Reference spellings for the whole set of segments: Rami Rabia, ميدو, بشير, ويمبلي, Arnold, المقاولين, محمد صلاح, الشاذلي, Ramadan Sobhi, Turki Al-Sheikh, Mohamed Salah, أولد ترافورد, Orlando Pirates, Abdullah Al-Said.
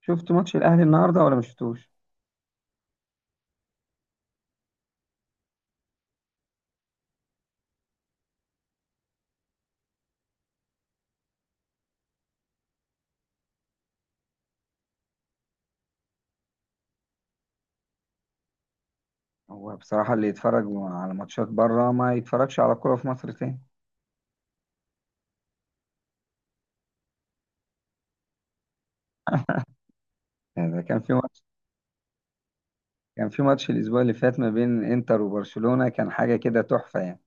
شفت ماتش الاهلي النهارده ولا ما شفتوش؟ هو بصراحه اللي يتفرج على ماتشات بره ما يتفرجش على كوره في مصر تاني. يعني ده كان في ماتش، كان في ماتش الاسبوع اللي فات ما بين انتر وبرشلونه، كان حاجه كده تحفه يعني.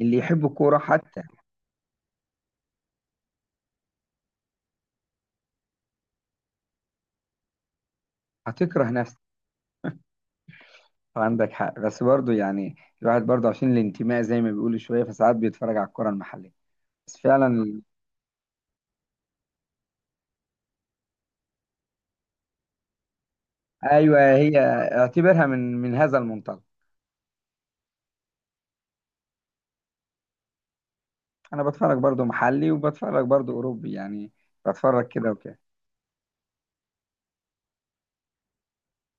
اللي يحب الكوره حتى هتكره نفسك. عندك حق بس برضه يعني، الواحد برضه عشان الانتماء زي ما بيقولوا شويه فساعات بيتفرج على الكوره المحليه، بس فعلا. ايوه هي، اعتبرها من هذا المنطلق. انا بتفرج برضه محلي وبتفرج برضه اوروبي يعني، بتفرج كده وكده.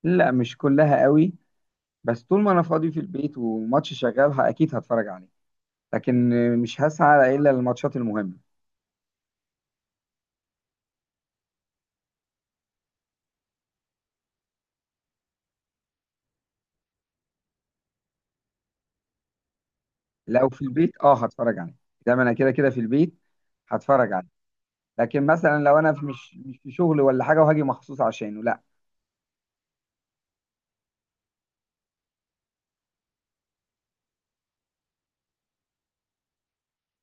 لا مش كلها قوي، بس طول ما انا فاضي في البيت وماتش شغال اكيد هتفرج عليه. لكن مش هسعى الا للماتشات المهمه. لو في البيت اه هتفرج عليه، ده انا كده كده في البيت هتفرج عليه. لكن مثلا لو انا في مش مش في شغل ولا حاجه وهاجي مخصوص عشانه لا.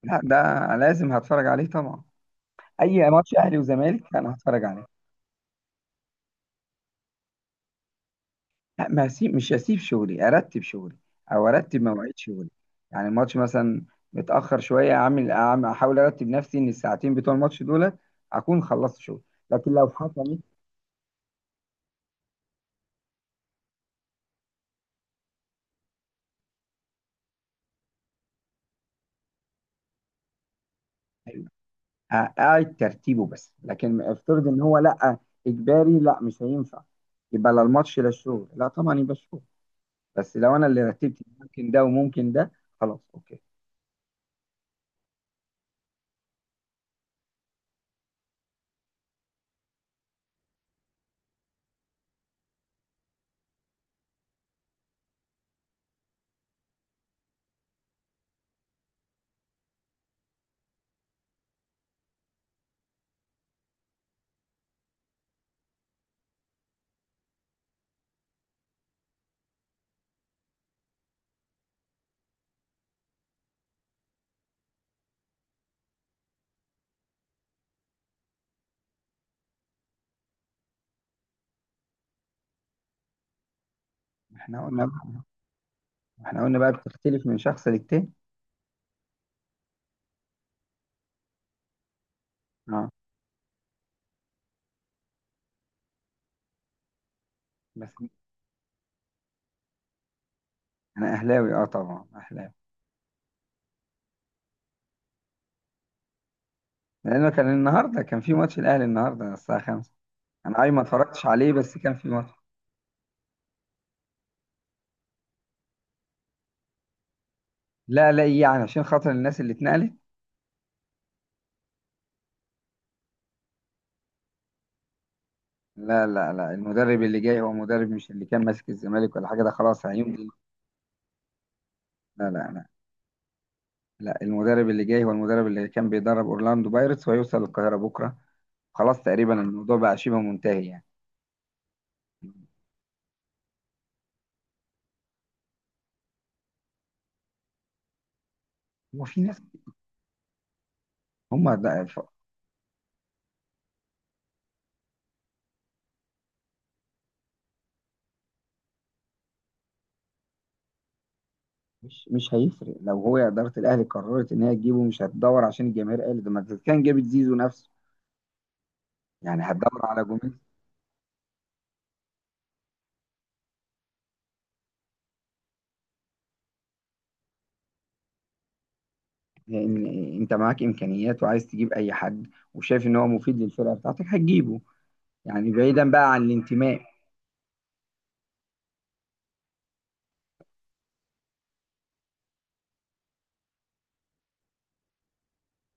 لا ده لازم هتفرج عليه طبعا. اي ماتش اهلي وزمالك انا هتفرج عليه. لا ما هسيب مش هسيب شغلي، ارتب شغلي او ارتب مواعيد شغلي. يعني الماتش مثلا متاخر شويه، احاول ارتب نفسي ان الساعتين بتوع الماتش دولت اكون خلصت شغل. لكن لو حصل اقعد ترتيبه، بس لكن افترض ان هو لا، اجباري، لا مش هينفع. يبقى لا الماتش لا الشغل، لا طبعا يبقى الشغل. بس لو انا اللي رتبت ممكن ده وممكن ده. خلاص اوكي. احنا قلنا احنا قلنا بقى بتختلف من شخص للتاني. اه بس انا اهلاوي، اه طبعا اهلاوي. لأنه كان في ماتش الأهلي النهاردة الساعة 5. أنا أي ما اتفرجتش عليه، بس كان في ماتش. لا لا، إيه يعني؟ عشان خاطر الناس اللي اتنقلت. لا لا لا، المدرب اللي جاي هو مدرب، مش اللي كان ماسك الزمالك ولا حاجة، ده خلاص هيمضي. لا لا لا لا، المدرب اللي جاي هو المدرب اللي كان بيدرب أورلاندو بايرتس، وهيوصل القاهرة بكرة. خلاص تقريبا الموضوع بقى شبه منتهي يعني. وفي ناس، هم ده مش هيفرق. لو هو إدارة الأهلي قررت إن هي تجيبه مش هتدور عشان الجماهير قالت، ده ما كان جابت زيزو نفسه. يعني هتدور على جمهور؟ إن انت معاك امكانيات وعايز تجيب اي حد وشايف ان هو مفيد للفرقه بتاعتك هتجيبه، يعني بعيدا بقى عن الانتماء.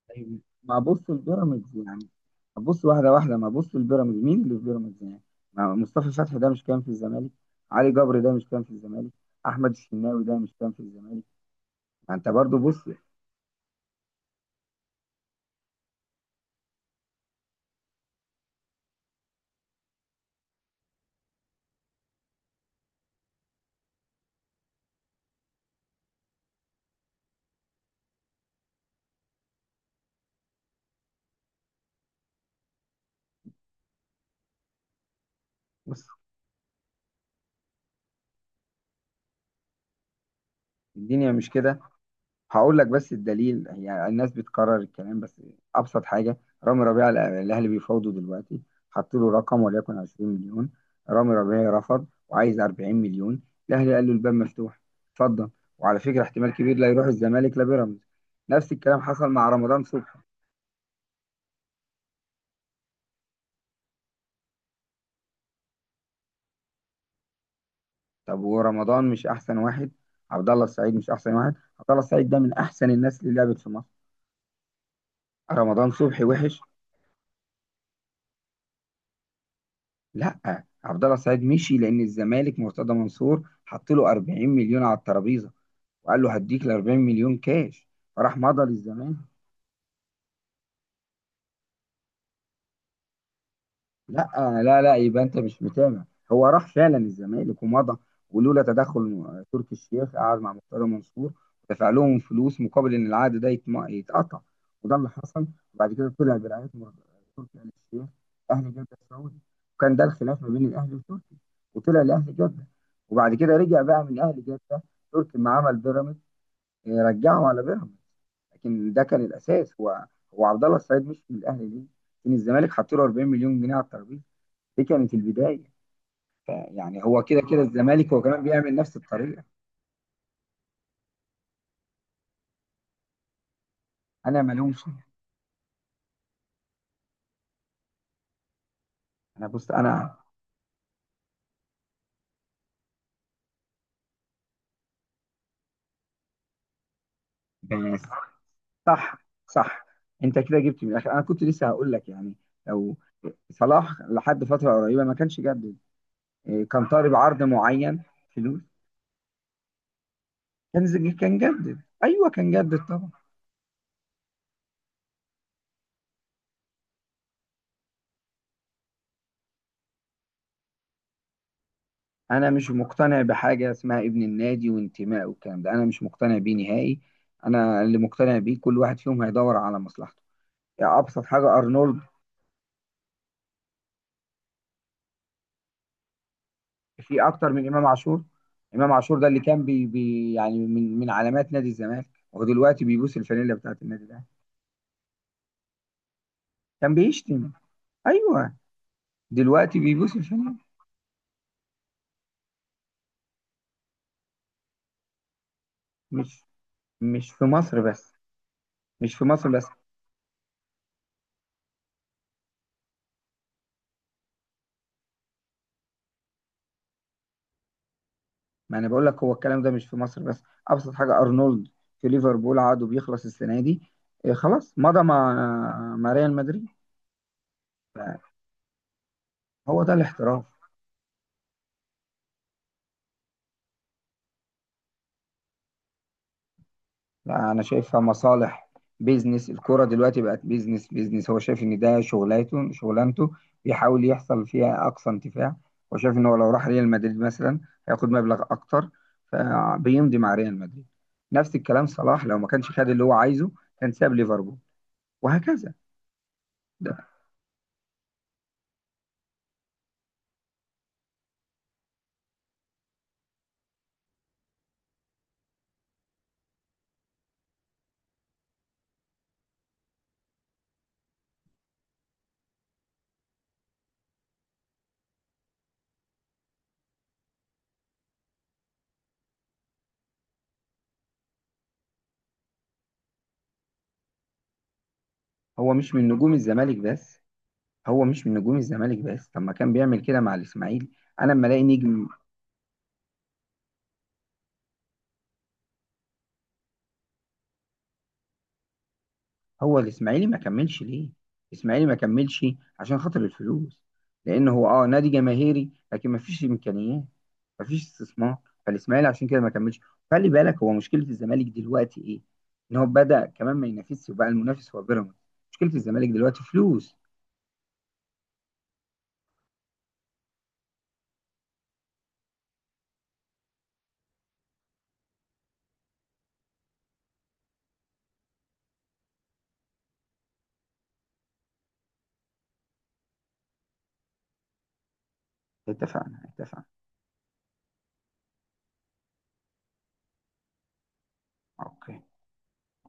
طيب ما ابص لبيراميدز يعني، ابص واحده واحده، ما ابص لبيراميدز، مين اللي في بيراميدز يعني؟ ما مصطفى فتحي ده مش كان في الزمالك؟ علي جبر ده مش كان في الزمالك؟ احمد الشناوي ده مش كان في الزمالك؟ ما انت برضو بص، بص، الدنيا مش كده. هقول لك بس الدليل، يعني الناس بتكرر الكلام بس. ابسط حاجه، رامي ربيعه الاهلي بيفاوضه دلوقتي، حط له رقم وليكن 20 مليون، رامي ربيعه رفض وعايز 40 مليون، الاهلي قال له الباب مفتوح، اتفضل. وعلى فكره احتمال كبير لا يروح الزمالك لا بيراميدز. نفس الكلام حصل مع رمضان صبحي. طب ورمضان مش احسن واحد؟ عبد الله السعيد مش احسن واحد؟ عبد الله السعيد ده من احسن الناس اللي لعبت في مصر. رمضان صبحي وحش. لا عبد الله السعيد مشي لان الزمالك مرتضى منصور حط له 40 مليون على الترابيزه، وقال له هديك ال 40 مليون كاش، فراح مضى للزمالك. لا لا لا، يبقى انت مش متابع. هو راح فعلا الزمالك ومضى، ولولا تدخل تركي الشيخ، قعد مع مختار منصور ودفع لهم فلوس مقابل ان العقد ده يتقطع، وده اللي حصل. وبعد كده طلع برعايه تركي آل الشيخ، اهلي جده السعودي، وكان ده الخلاف ما بين الاهلي وتركي، وطلع لاهلي جده. وبعد كده رجع بقى من اهلي جده، تركي ما عمل بيراميدز، رجعه على بيراميدز. لكن ده كان الاساس، هو هو عبد الله السعيد مش من الاهلي ليه؟ لان الزمالك حط له 40 مليون جنيه على الترابيزه، دي كانت البدايه. يعني هو كده كده الزمالك هو كمان بيعمل نفس الطريقه. انا ملومش، انا بص انا، بس صح صح، انت كده جبت من الاخر، انا كنت لسه هقول لك يعني. لو صلاح لحد فتره قريبه ما كانش جدد، إيه، كان طالب عرض معين، فلوس، كان جدد، ايوه كان جدد طبعا. انا مش مقتنع بحاجه اسمها ابن النادي وانتماء والكلام ده، انا مش مقتنع بيه نهائي. انا اللي مقتنع بيه كل واحد فيهم هيدور على مصلحته. يعني ابسط حاجه ارنولد. في اكتر من امام عاشور، امام عاشور ده اللي كان بي بي يعني من علامات نادي الزمالك ودلوقتي بيبوس الفانيلا بتاعت النادي ده. كان بيشتم، ايوه، دلوقتي بيبوس الفانيلا. مش مش في مصر بس، مش في مصر بس. ما انا بقول لك هو الكلام ده مش في مصر بس، ابسط حاجه ارنولد في ليفربول عقده بيخلص السنه دي، إيه، خلاص مضى مع ريال مدريد. هو ده الاحتراف. لا انا شايفها مصالح، بيزنس، الكرة دلوقتي بقت بيزنس بيزنس، هو شايف ان ده شغلانته، بيحاول يحصل فيها اقصى انتفاع، وشايف ان هو لو راح ريال مدريد مثلا هياخد مبلغ اكتر فبيمضي مع ريال مدريد. نفس الكلام صلاح، لو ما كانش خد اللي هو عايزه كان ساب ليفربول، وهكذا. ده هو مش من نجوم الزمالك بس، هو مش من نجوم الزمالك بس، طب ما كان بيعمل كده مع الاسماعيلي. انا لما الاقي نجم. هو الاسماعيلي ما كملش ليه؟ الاسماعيلي ما كملش عشان خاطر الفلوس، لان هو نادي جماهيري لكن ما فيش امكانيات، ما فيش استثمار، فالاسماعيلي عشان كده ما كملش. خلي بالك هو مشكله الزمالك دلوقتي ايه؟ ان هو بدا كمان ما ينافسش وبقى المنافس هو بيراميدز، مشكله الزمالك دلوقتي فلوس. اتفقنا، اتفقنا، اوكي.